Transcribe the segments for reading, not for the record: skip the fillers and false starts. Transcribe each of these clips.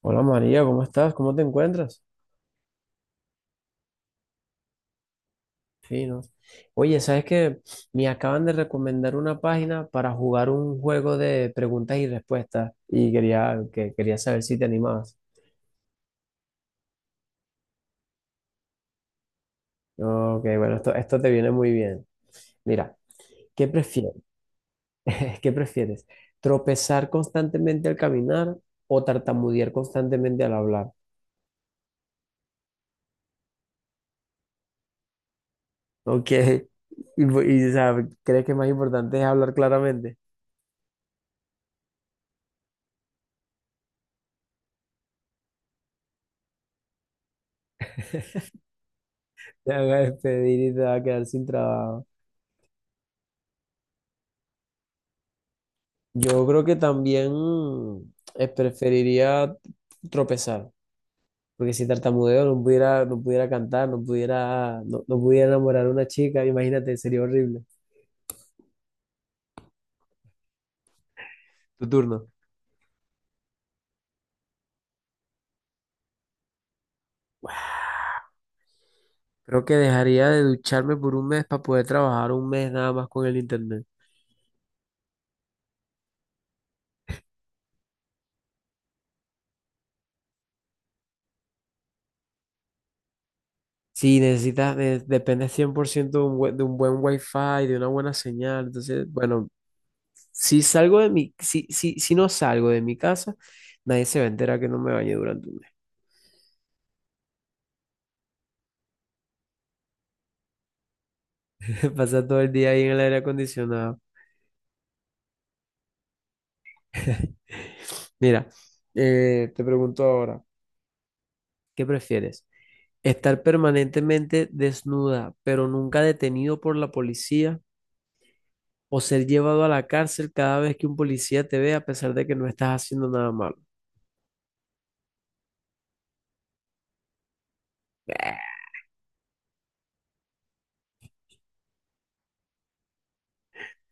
Hola María, ¿cómo estás? ¿Cómo te encuentras? Fino. Oye, ¿sabes qué? Me acaban de recomendar una página para jugar un juego de preguntas y respuestas y quería saber si te animabas. Ok, bueno, esto te viene muy bien. Mira, ¿qué prefieres? ¿Qué prefieres? ¿Tropezar constantemente al caminar o tartamudear constantemente al hablar? Ok, y, o sea, ¿crees que más importante es hablar claramente? Te van a despedir y te va a quedar sin trabajo. Yo creo que también preferiría tropezar, porque si tartamudeo no pudiera cantar, no pudiera enamorar a una chica, imagínate, sería horrible. Tu turno. Creo que dejaría de ducharme por un mes para poder trabajar un mes nada más con el internet. Sí, necesitas, depende cien por ciento de de un buen wifi, de una buena señal, entonces, bueno, si no salgo de mi casa, nadie se va a enterar que no me bañé durante un se pasa todo el día ahí en el aire acondicionado. Mira, te pregunto ahora, ¿qué prefieres? ¿Estar permanentemente desnuda, pero nunca detenido por la policía? ¿O ser llevado a la cárcel cada vez que un policía te ve a pesar de que no estás haciendo nada malo?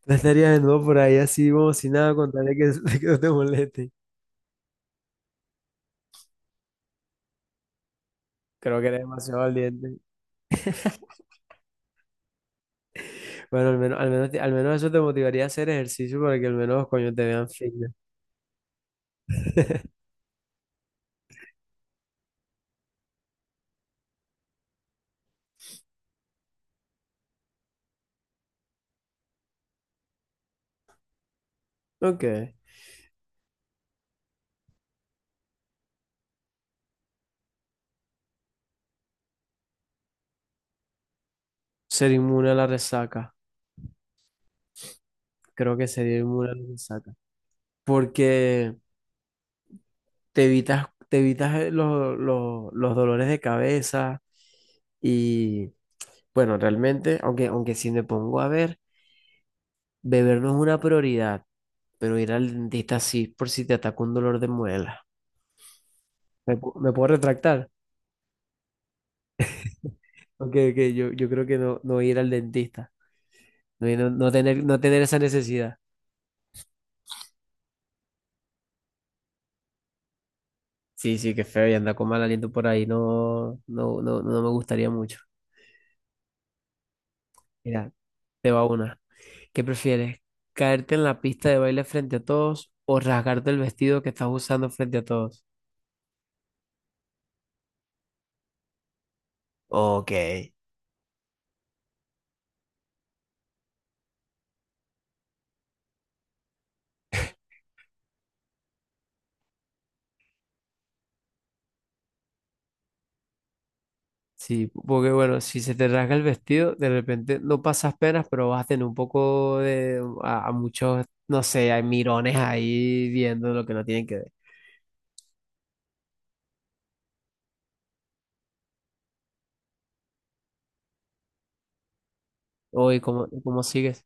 No estarías desnudo por ahí así como si nada, con tal de que, que no te moleste. Creo que eres demasiado valiente. Bueno, al menos eso te motivaría a hacer ejercicio para que al menos, coño, te vean fina. Ok. Ser inmune a la resaca. Creo que sería inmune a la resaca. Porque te evitas los dolores de cabeza y bueno, realmente, aunque si me pongo a ver, beber no es una prioridad, pero ir al dentista sí, por si te ataca un dolor de muela. ¿Me puedo retractar? Aunque yo creo que no, no ir al dentista, no tener esa necesidad. Sí, sí, qué feo y andar con mal aliento por ahí, no, no, no, no me gustaría mucho. Mira, te va una. ¿Qué prefieres? ¿Caerte en la pista de baile frente a todos o rasgarte el vestido que estás usando frente a todos? Ok. Sí, porque bueno, si se te rasga el vestido, de repente no pasas penas, pero vas a tener un poco de a muchos, no sé, hay mirones ahí viendo lo que no tienen que ver. Oye, ¿cómo sigues?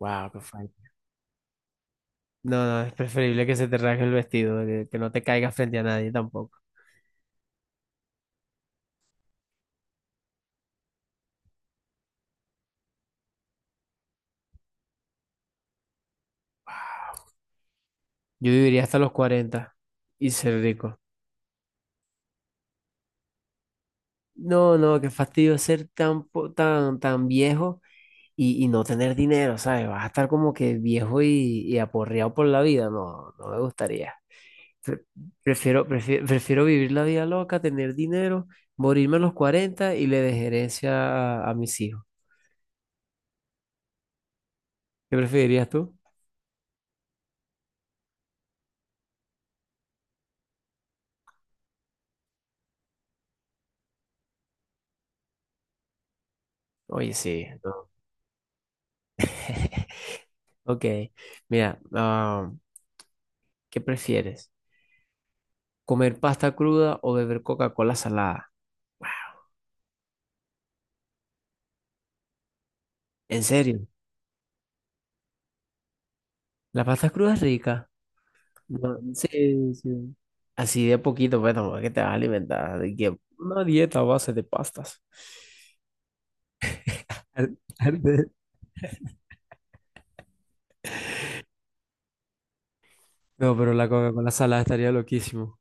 Wow, qué fuerte. No, no, es preferible que se te rasgue el vestido, que no te caigas frente a nadie tampoco. Yo viviría hasta los 40 y ser rico. No, no, qué fastidio ser tan viejo y no tener dinero, ¿sabes? Vas a estar como que viejo y aporreado por la vida. No, no me gustaría. Pre- Prefiero vivir la vida loca, tener dinero, morirme a los 40 y le dejaré herencia a mis hijos. ¿Qué preferirías tú? Oye, sí. No. Ok, mira, ah, ¿qué prefieres? ¿Comer pasta cruda o beber Coca-Cola salada? ¿En serio? La pasta cruda es rica. No, sí, sí. Así de a poquito, pues tampoco es que te vas a alimentar. De que una dieta a base de pastas. Ar- arte. No, pero la coca con la salada estaría loquísimo.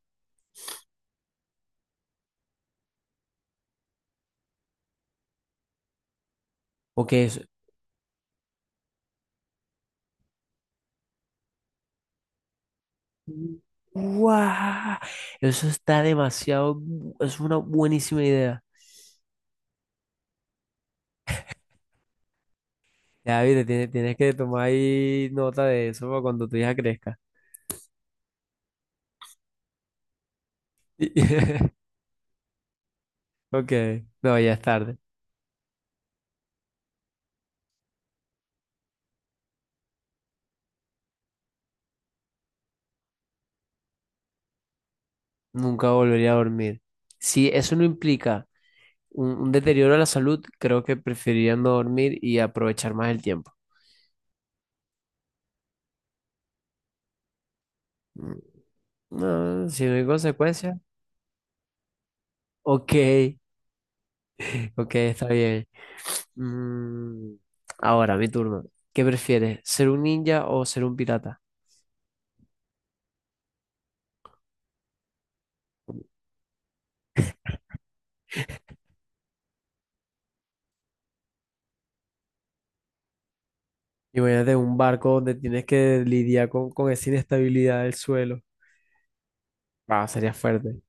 Porque es. ¡Guau! Eso está demasiado. Es una buenísima idea. Ya, viste, tienes que tomar ahí nota de eso para cuando tu hija crezca. Y- Ok, no, ya es tarde. Nunca volvería a dormir. Si eso no implica un deterioro a la salud, creo que preferirían no dormir y aprovechar más el tiempo. Mm, no, si no hay consecuencias. Ok, ok, está bien. Mm, ahora, mi turno. ¿Qué prefieres, ser un ninja o ser un pirata? Imagínate un barco donde tienes que lidiar con esa inestabilidad del suelo. Ah, sería fuerte.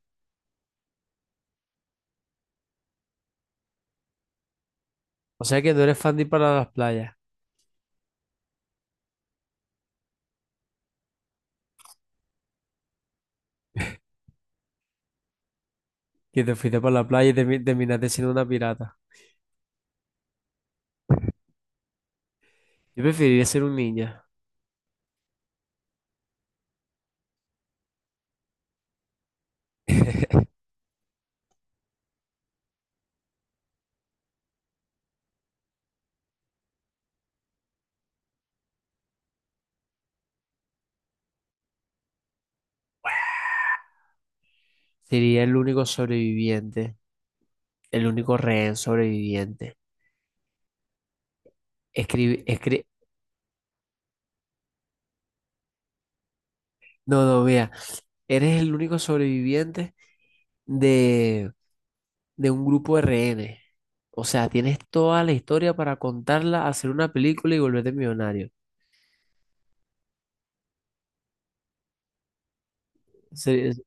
O sea que no eres fan de ir para las playas, que te fuiste para la playa y terminaste siendo una pirata. Yo preferiría ser un ninja. Sería el único sobreviviente. El único rehén sobreviviente. Escribe, escribe, no, no, vea, eres el único sobreviviente de, de un grupo de rehenes. O sea, tienes toda la historia para contarla, hacer una película y volverte millonario. Se-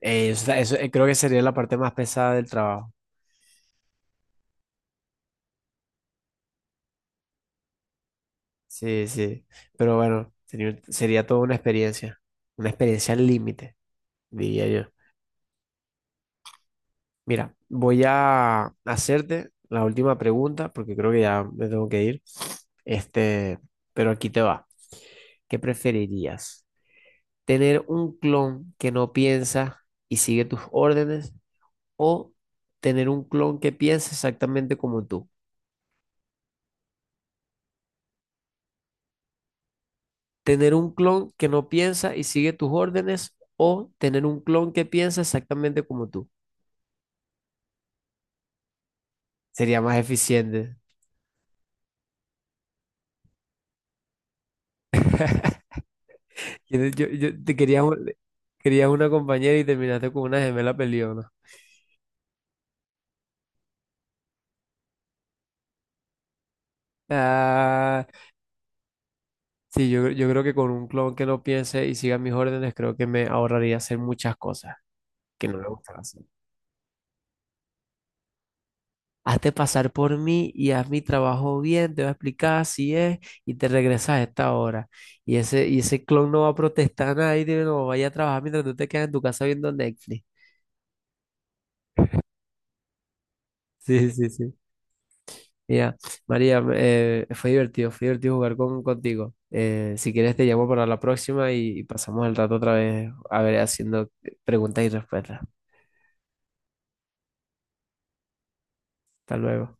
o sea, creo que sería la parte más pesada del trabajo. Sí, sí. Pero bueno, sería toda una experiencia. Una experiencia al límite, diría yo. Mira, voy a hacerte la última pregunta porque creo que ya me tengo que ir. Este, pero aquí te va. ¿Qué preferirías? ¿Tener un clon que no piensa y sigue tus órdenes o tener un clon que piensa exactamente como tú? ¿Tener un clon que no piensa y sigue tus órdenes o tener un clon que piensa exactamente como tú? Sería más eficiente. Te querías, querías una compañera y terminaste con una gemela peleona. Ah, sí, yo creo que con un clon que no piense y siga mis órdenes, creo que me ahorraría hacer muchas cosas que no me gustan hacer. Hazte pasar por mí y haz mi trabajo bien, te voy a explicar así es y te regresas a esta hora. Y ese clon no va a protestar nada y dice, no, vaya a trabajar mientras tú te quedas en tu casa viendo Netflix. Sí, sí, sí. Mira, María, fue divertido jugar contigo. Si quieres te llamo para la próxima y pasamos el rato otra vez a ver haciendo preguntas y respuestas. Hasta luego.